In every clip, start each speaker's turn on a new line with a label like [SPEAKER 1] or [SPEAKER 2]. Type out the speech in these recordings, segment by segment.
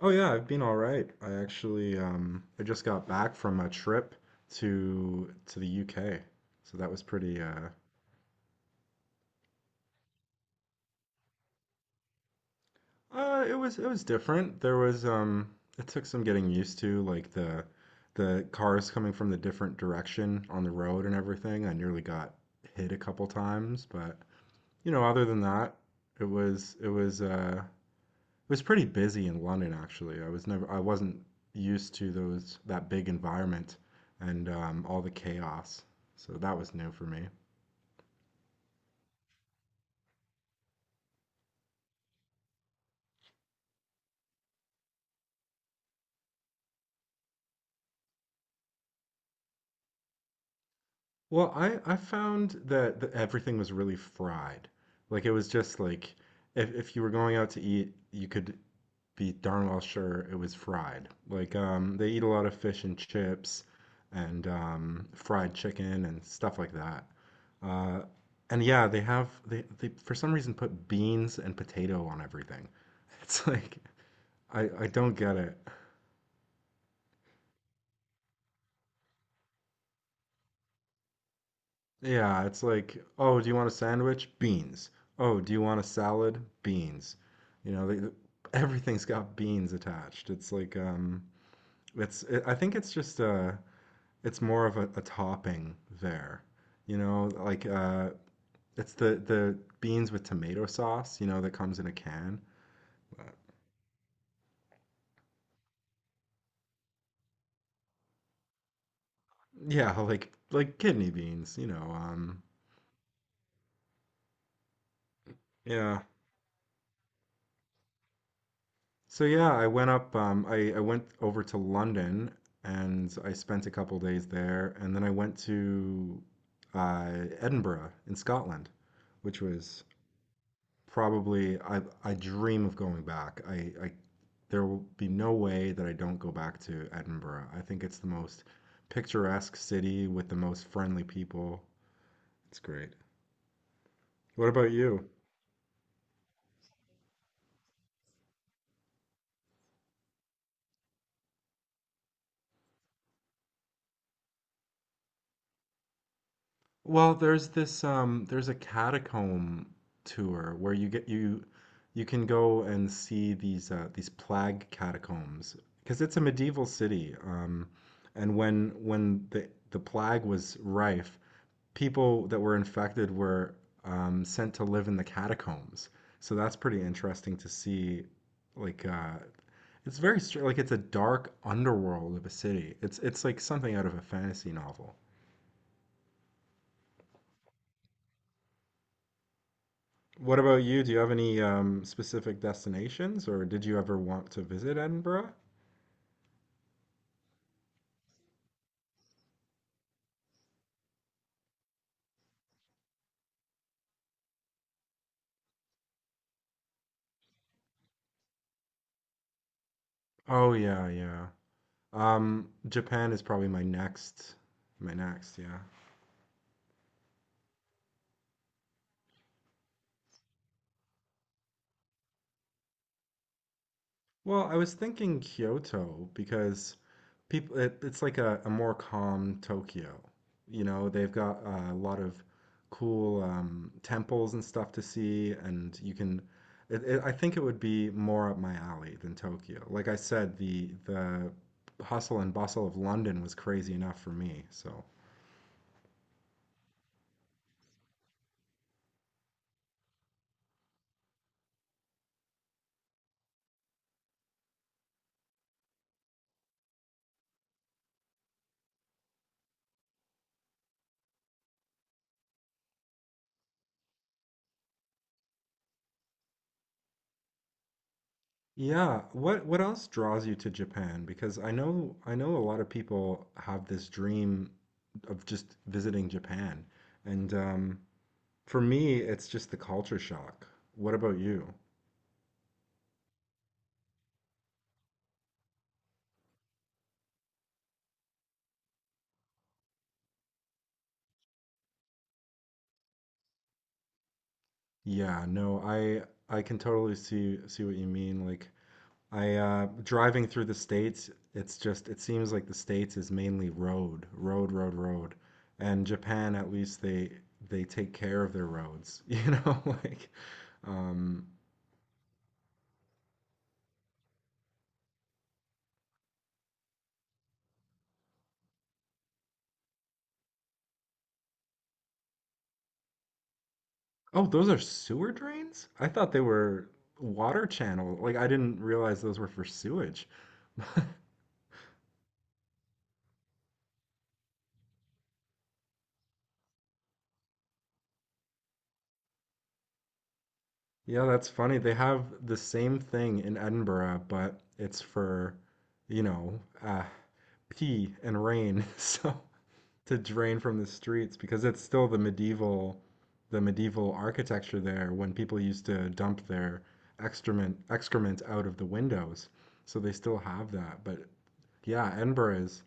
[SPEAKER 1] Oh yeah, I've been all right. I actually I just got back from a trip to the UK. So that was pretty. It was different. There was. It took some getting used to, like the cars coming from the different direction on the road and everything. I nearly got hit a couple times, but other than that, it was pretty busy in London, actually. I wasn't used to those that big environment and all the chaos, so that was new for me. Well, I found that everything was really fried. Like it was just like, if you were going out to eat, you could be darn well sure it was fried. Like, they eat a lot of fish and chips and, fried chicken and stuff like that. Uh, and yeah, they for some reason put beans and potato on everything. It's like I don't get it. Yeah, it's like, oh, do you want a sandwich? Beans. Oh, do you want a salad? Beans. You know, everything's got beans attached. It's like, it's I think it's just. It's more of a topping there. You know, like, it's the beans with tomato sauce, that comes in a can. But yeah, like like kidney beans. Yeah. So yeah, I went over to London, and I spent a couple days there, and then I went to, uh Edinburgh in Scotland, which was probably. I dream of going back. I there will be no way that I don't go back to Edinburgh. I think it's the most picturesque city with the most friendly people. It's great. What about you? Well, there's this. There's a catacomb tour where you get you you can go and see these plague catacombs because it's a medieval city. And when the plague was rife, people that were infected were, sent to live in the catacombs. So that's pretty interesting to see. Like, it's very like it's a dark underworld of a city. It's like something out of a fantasy novel. What about you? Do you have any, specific destinations, or did you ever want to visit Edinburgh? Oh yeah, yeah. Japan is probably my next, yeah. Well, I was thinking Kyoto because it's like a more calm Tokyo. You know, they've got a lot of cool, temples and stuff to see, and you can it, it, I think it would be more up my alley than Tokyo. Like I said, the hustle and bustle of London was crazy enough for me, so. Yeah, what else draws you to Japan? Because I know a lot of people have this dream of just visiting Japan. And, for me, it's just the culture shock. What about you? Yeah, no, I can totally see what you mean. Like I, driving through the States, it's just it seems like the States is mainly road, road, road, road. And Japan, at least they take care of their roads. Um Oh, those are sewer drains? I thought they were water channel. Like, I didn't realize those were for sewage. Yeah, that's funny. They have the same thing in Edinburgh, but it's for, you know, uh, pee and rain. So, to drain from the streets, because it's still the medieval, architecture there, when people used to dump their excrement out of the windows. So they still have that. But yeah, Edinburgh is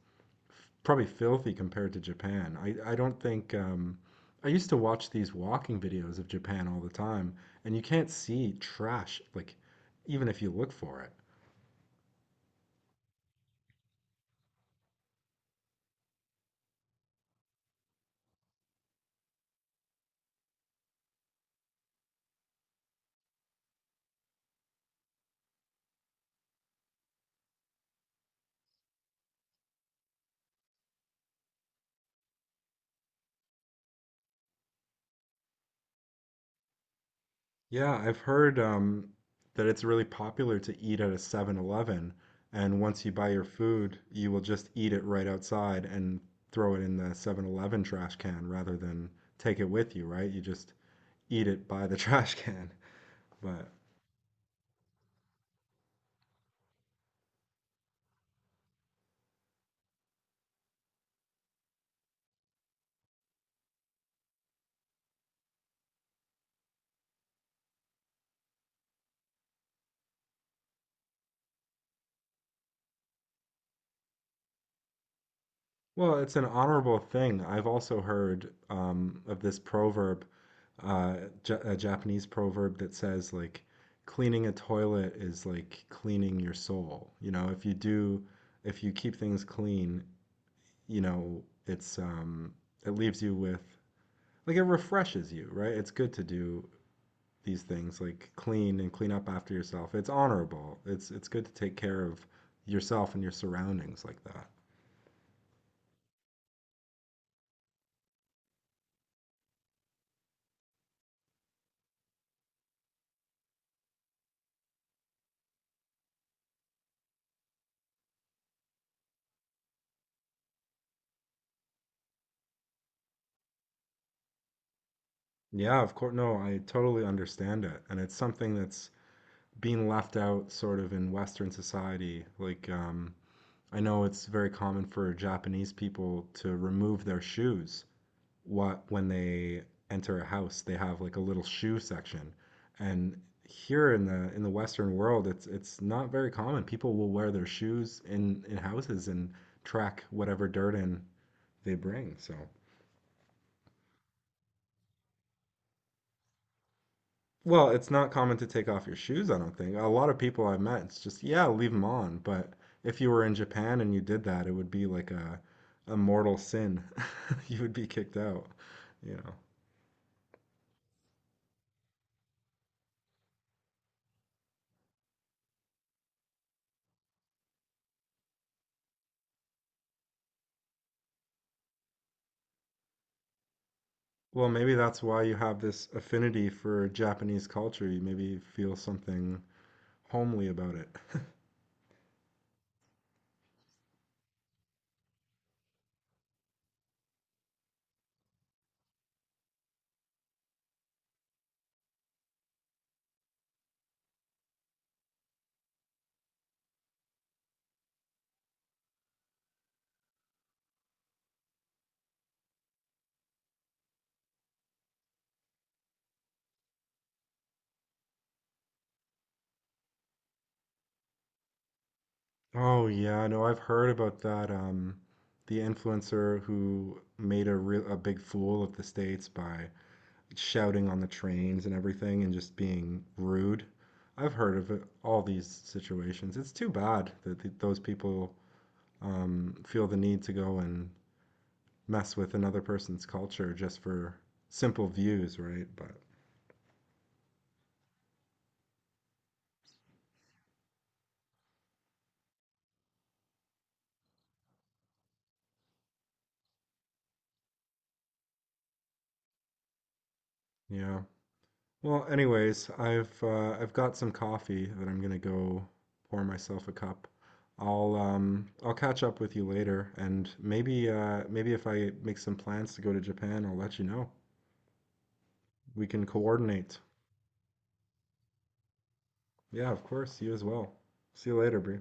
[SPEAKER 1] probably filthy compared to Japan. I don't think. I used to watch these walking videos of Japan all the time, and you can't see trash, like, even if you look for it. Yeah, I've heard, that it's really popular to eat at a 7-Eleven, and once you buy your food, you will just eat it right outside and throw it in the 7-Eleven trash can rather than take it with you, right? You just eat it by the trash can. But. Well, it's an honorable thing. I've also heard, of this proverb, uh, Ja a Japanese proverb that says, like, cleaning a toilet is like cleaning your soul. You know, if you keep things clean, it's. It leaves you with, like, it refreshes you, right? It's good to do these things, like clean and clean up after yourself. It's honorable. It's good to take care of yourself and your surroundings like that. Yeah, of course. No, I totally understand it. And it's something that's being left out, sort of, in Western society. Like, I know it's very common for Japanese people to remove their shoes what when they enter a house. They have like a little shoe section. And here in the Western world, it's not very common. People will wear their shoes in houses and track whatever dirt in they bring. So, well, it's not common to take off your shoes, I don't think. A lot of people I've met, it's just, yeah, leave them on. But if you were in Japan and you did that, it would be like a mortal sin. You would be kicked out, you know. Well, maybe that's why you have this affinity for Japanese culture. You maybe feel something homely about it. Oh yeah, no, I've heard about that. The influencer who made a big fool of the States by shouting on the trains and everything, and just being rude. I've heard of it, all these situations. It's too bad that those people, feel the need to go and mess with another person's culture just for simple views, right? But yeah. Well, anyways, I've got some coffee that I'm gonna go pour myself a cup. I'll catch up with you later, and maybe if I make some plans to go to Japan, I'll let you know. We can coordinate. Yeah, of course. You as well. See you later, Bree.